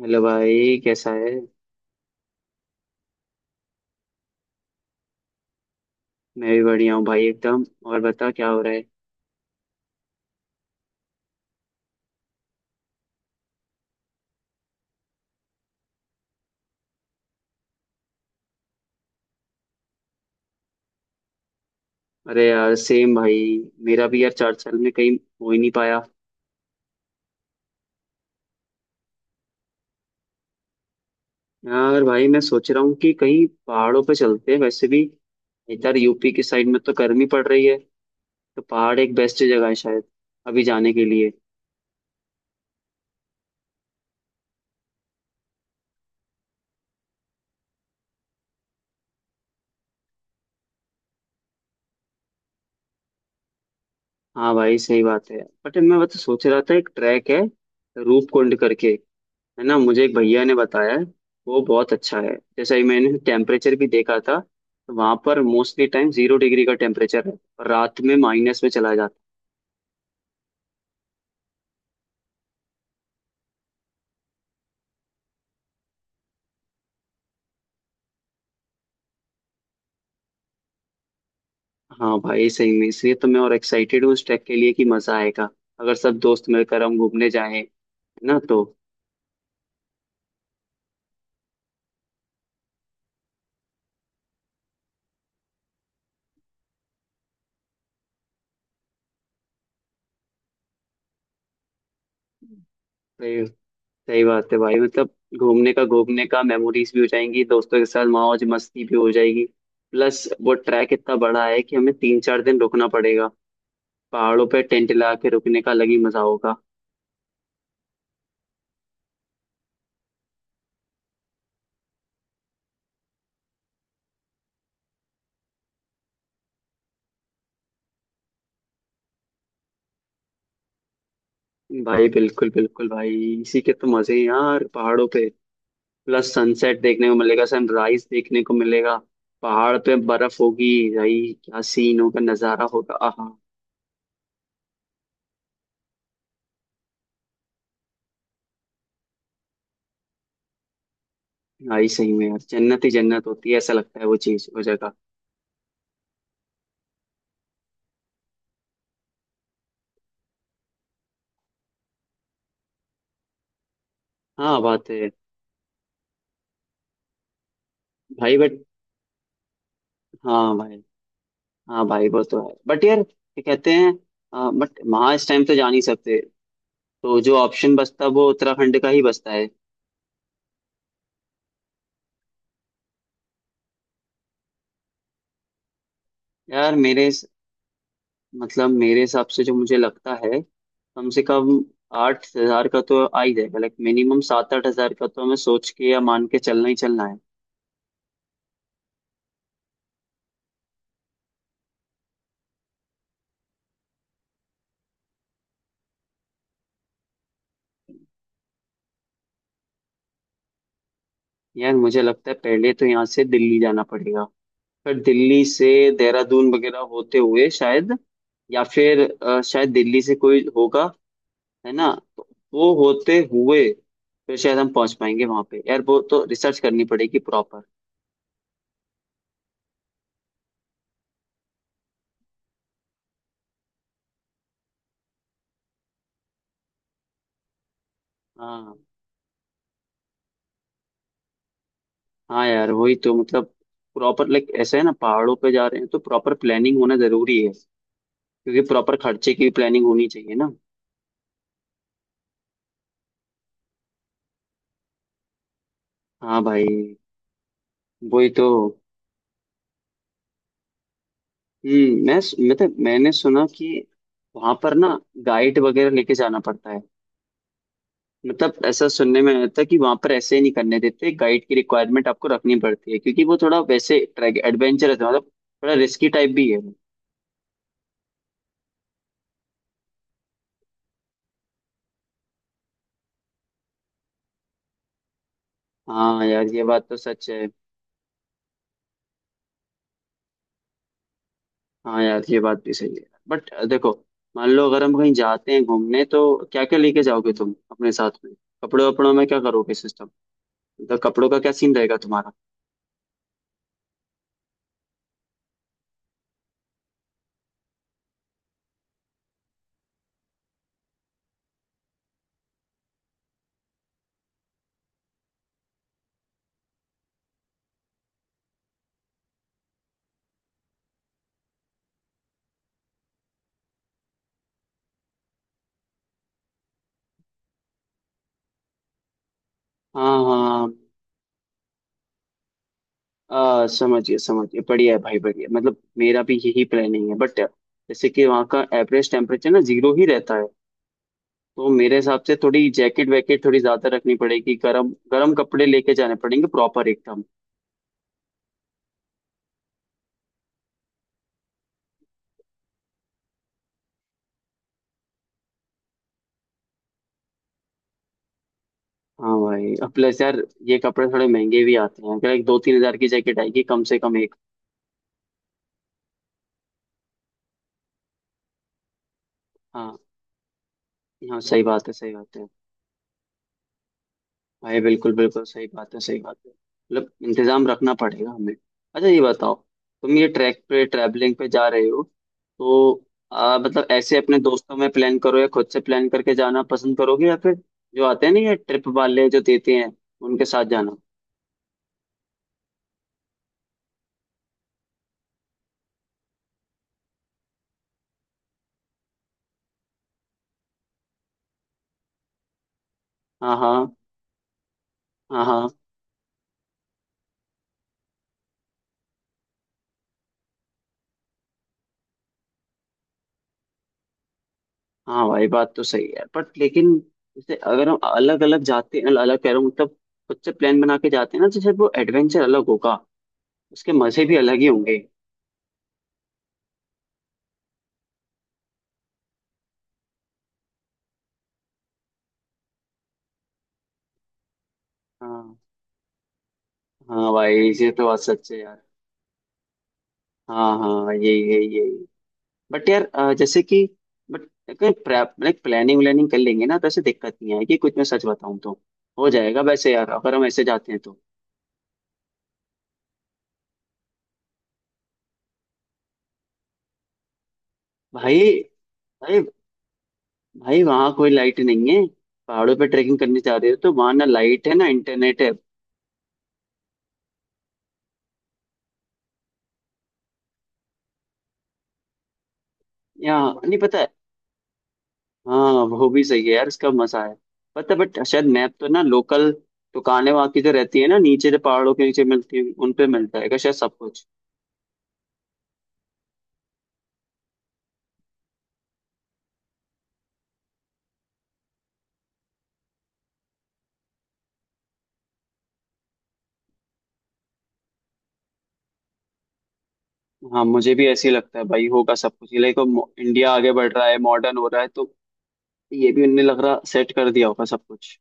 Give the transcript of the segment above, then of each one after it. Hello भाई, कैसा है। मैं भी बढ़िया हूँ भाई, एकदम। और बता क्या हो रहा है। अरे यार सेम भाई, मेरा भी यार चार साल में कहीं हो ही नहीं पाया। यार भाई मैं सोच रहा हूँ कि कहीं पहाड़ों पे चलते हैं, वैसे भी इधर यूपी की साइड में तो गर्मी पड़ रही है, तो पहाड़ एक बेस्ट जगह है शायद अभी जाने के लिए। हाँ भाई सही बात है, बट मैं बस सोच रहा था एक ट्रैक है रूपकुंड करके, है ना, मुझे एक भैया ने बताया है, वो बहुत अच्छा है। जैसे ही मैंने टेम्परेचर भी देखा था तो वहां पर मोस्टली टाइम जीरो डिग्री का टेम्परेचर है और रात में माइनस में चला जाता है। हाँ भाई सही में, इसलिए तो मैं और एक्साइटेड हूँ उस ट्रैक के लिए कि मजा आएगा अगर सब दोस्त मिलकर हम घूमने जाएं, है ना, तो सही। सही बात है भाई, मतलब घूमने का मेमोरीज भी हो जाएंगी, दोस्तों के साथ मौज मस्ती भी हो जाएगी। प्लस वो ट्रैक इतना बड़ा है कि हमें तीन चार दिन रुकना पड़ेगा, पहाड़ों पे टेंट लगा के रुकने का अलग ही मजा होगा। भाई बिल्कुल बिल्कुल भाई, इसी के तो मजे हैं यार पहाड़ों पे। प्लस सनसेट देखने को मिलेगा, सनराइज देखने को मिलेगा, पहाड़ पे बर्फ होगी, भाई क्या सीन होगा, नजारा होगा, आहा। भाई सही में यार, जन्नत ही जन्नत होती है, ऐसा लगता है वो चीज वो जगह। हाँ बात है। भाई बट, हाँ भाई, हाँ भाई वो तो है बट यार क्या कहते हैं, बट वहाँ इस टाइम तो जा नहीं सकते, तो जो ऑप्शन बचता है वो उत्तराखंड का ही बचता है। यार मेरे, मतलब मेरे हिसाब से जो मुझे लगता है, कम से कम 8,000 का तो आ ही जाएगा, लाइक मिनिमम 7-8 हजार का तो हमें सोच के या मान के चलना ही चलना है। यार मुझे लगता है पहले तो यहाँ से दिल्ली जाना पड़ेगा, फिर दिल्ली से देहरादून वगैरह होते हुए शायद, या फिर शायद दिल्ली से कोई होगा, है ना, तो वो होते हुए फिर शायद हम पहुंच पाएंगे वहां पे। यार वो तो रिसर्च करनी पड़ेगी प्रॉपर। हाँ हाँ यार, वही तो मतलब, प्रॉपर लाइक, ऐसा है ना, पहाड़ों पे जा रहे हैं तो प्रॉपर प्लानिंग होना जरूरी है क्योंकि प्रॉपर खर्चे की भी प्लानिंग होनी चाहिए ना। हाँ भाई वही तो। मैं, मतलब मैंने सुना कि वहां पर ना गाइड वगैरह लेके जाना पड़ता है, मतलब ऐसा सुनने में आता है कि वहां पर ऐसे ही नहीं करने देते, गाइड की रिक्वायरमेंट आपको रखनी पड़ती है क्योंकि वो थोड़ा वैसे ट्रैक एडवेंचरस है, मतलब थोड़ा रिस्की टाइप भी है। हाँ यार ये बात तो सच है। हाँ यार ये बात भी सही है, बट देखो, मान लो अगर हम कहीं जाते हैं घूमने, तो क्या क्या लेके जाओगे तुम अपने साथ में। कपड़े वपड़ों में क्या करोगे सिस्टम, तो कपड़ों का क्या सीन रहेगा तुम्हारा। हाँ हाँ। समझिए समझिए, बढ़िया है भाई बढ़िया, मतलब मेरा भी यही प्लानिंग है। बट जैसे कि वहाँ का एवरेज टेम्परेचर ना जीरो ही रहता है, तो मेरे हिसाब से थोड़ी जैकेट वैकेट थोड़ी ज्यादा रखनी पड़ेगी, गरम गरम कपड़े लेके जाने पड़ेंगे प्रॉपर एकदम। हाँ भाई, अब प्लस यार ये कपड़े थोड़े महंगे भी आते हैं, अगर 1-2-3 हजार की जैकेट आएगी कम से कम एक। हाँ हाँ सही बात है, सही बात है भाई, बिल्कुल बिल्कुल सही बात है, सही बात है, मतलब इंतजाम रखना पड़ेगा हमें। अच्छा ये बताओ, तुम ये ट्रैक पे ट्रैवलिंग पे जा रहे हो, तो मतलब ऐसे अपने दोस्तों में प्लान करो या खुद से प्लान करके जाना पसंद करोगे, या फिर जो आते हैं ना ये ट्रिप वाले जो देते हैं उनके साथ जाना। हाँ हाँ हाँ हाँ। हाँ भाई बात तो सही है बट, लेकिन जैसे अगर हम अलग अलग जाते हैं, अलग कह रहा हूँ मतलब खुद से प्लान बना के जाते हैं ना, तो जैसे वो एडवेंचर अलग होगा, उसके मजे भी अलग ही होंगे। हाँ हाँ भाई, ये तो बात सच है यार। हाँ हाँ, यही यही यही। बट यार जैसे कि, बट कहीं प्लानिंग व्लानिंग कर लेंगे ना तो ऐसे दिक्कत नहीं आएगी कुछ, मैं सच बताऊँ तो हो जाएगा वैसे यार, अगर हम ऐसे जाते हैं तो। भाई भाई भाई, वहाँ कोई लाइट नहीं है, पहाड़ों पे ट्रैकिंग करने जा रहे हो तो वहाँ ना लाइट है ना इंटरनेट है, या नहीं पता है। हाँ वो भी सही है यार, इसका मजा है। पता, बट शायद मैप तो ना लोकल दुकानें वहाँ की जो रहती है ना नीचे, जो पहाड़ों के नीचे मिलती है, उन पे मिलता है क्या शायद सब कुछ। हाँ मुझे भी ऐसे ही लगता है भाई, होगा सब कुछ, लाइक इंडिया आगे बढ़ रहा है, मॉडर्न हो रहा है, तो ये भी उनने लग रहा सेट कर दिया होगा सब कुछ।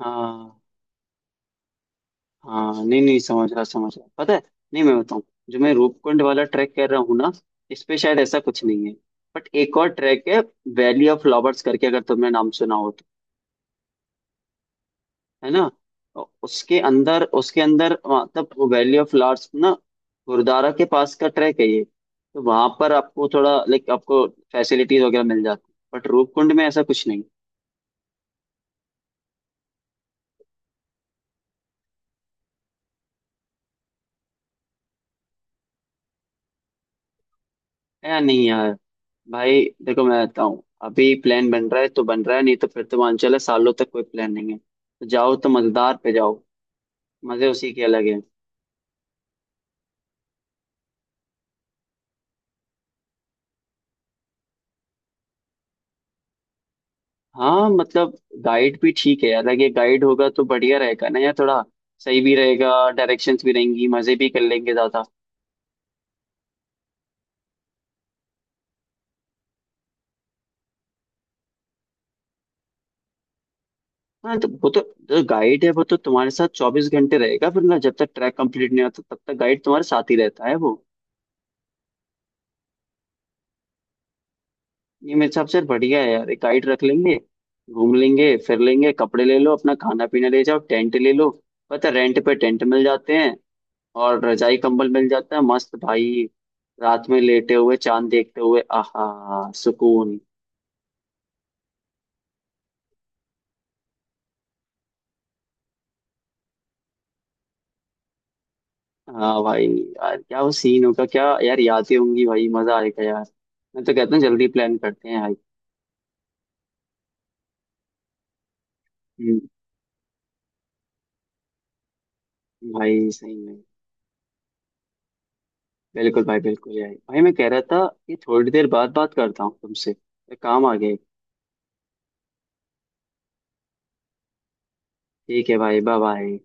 हाँ हाँ, नहीं नहीं, समझ रहा समझ रहा, पता है। नहीं, मैं बताऊँ, जो मैं रूपकुंड वाला ट्रैक कर रहा हूँ ना, इस पे शायद ऐसा कुछ नहीं है। बट एक और ट्रैक है वैली ऑफ फ्लावर्स करके, अगर तुमने नाम सुना हो तो। है ना, तो उसके अंदर मतलब वैली ऑफ फ्लावर्स ना गुरुद्वारा के पास का ट्रैक है ये, तो वहां पर आपको थोड़ा लाइक आपको फैसिलिटीज वगैरह मिल जाती है, बट रूपकुंड में ऐसा कुछ नहीं है, या नहीं यार। भाई देखो मैं कहता हूँ, अभी प्लान बन रहा है तो बन रहा है, नहीं तो फिर तो मान चले सालों तक कोई प्लान नहीं है, तो जाओ तो मजेदार पे जाओ, मजे उसी के अलग है। हाँ मतलब, गाइड भी ठीक है यार, अगर गाइड होगा तो बढ़िया रहेगा ना यार, थोड़ा सही भी रहेगा, डायरेक्शंस भी रहेंगी, मजे भी कर लेंगे ज्यादा। हाँ तो वो तो, जो गाइड है वो तो तुम्हारे साथ 24 घंटे रहेगा फिर ना, जब तक ट्रैक कंप्लीट नहीं होता तब तक गाइड तुम्हारे साथ ही रहता है वो। ये मेरे हिसाब से बढ़िया है यार, एक गाइड रख लेंगे, घूम लेंगे, फिर लेंगे कपड़े ले लो, अपना खाना पीना ले जाओ, टेंट ले लो, पता रेंट पे टेंट मिल जाते हैं, और रजाई कंबल मिल जाता है, मस्त भाई। रात में लेटे हुए चांद देखते हुए, आहा सुकून। हाँ भाई यार क्या वो सीन होगा, क्या यार यादें होंगी, भाई मजा आएगा यार, मैं तो कहता हूँ जल्दी प्लान करते हैं भाई। भाई सही में, बिल्कुल भाई बिल्कुल यार। भाई मैं कह रहा था कि थोड़ी देर बाद बात करता हूँ तुमसे, एक काम आ गया। ठीक है भाई, बाय बाय।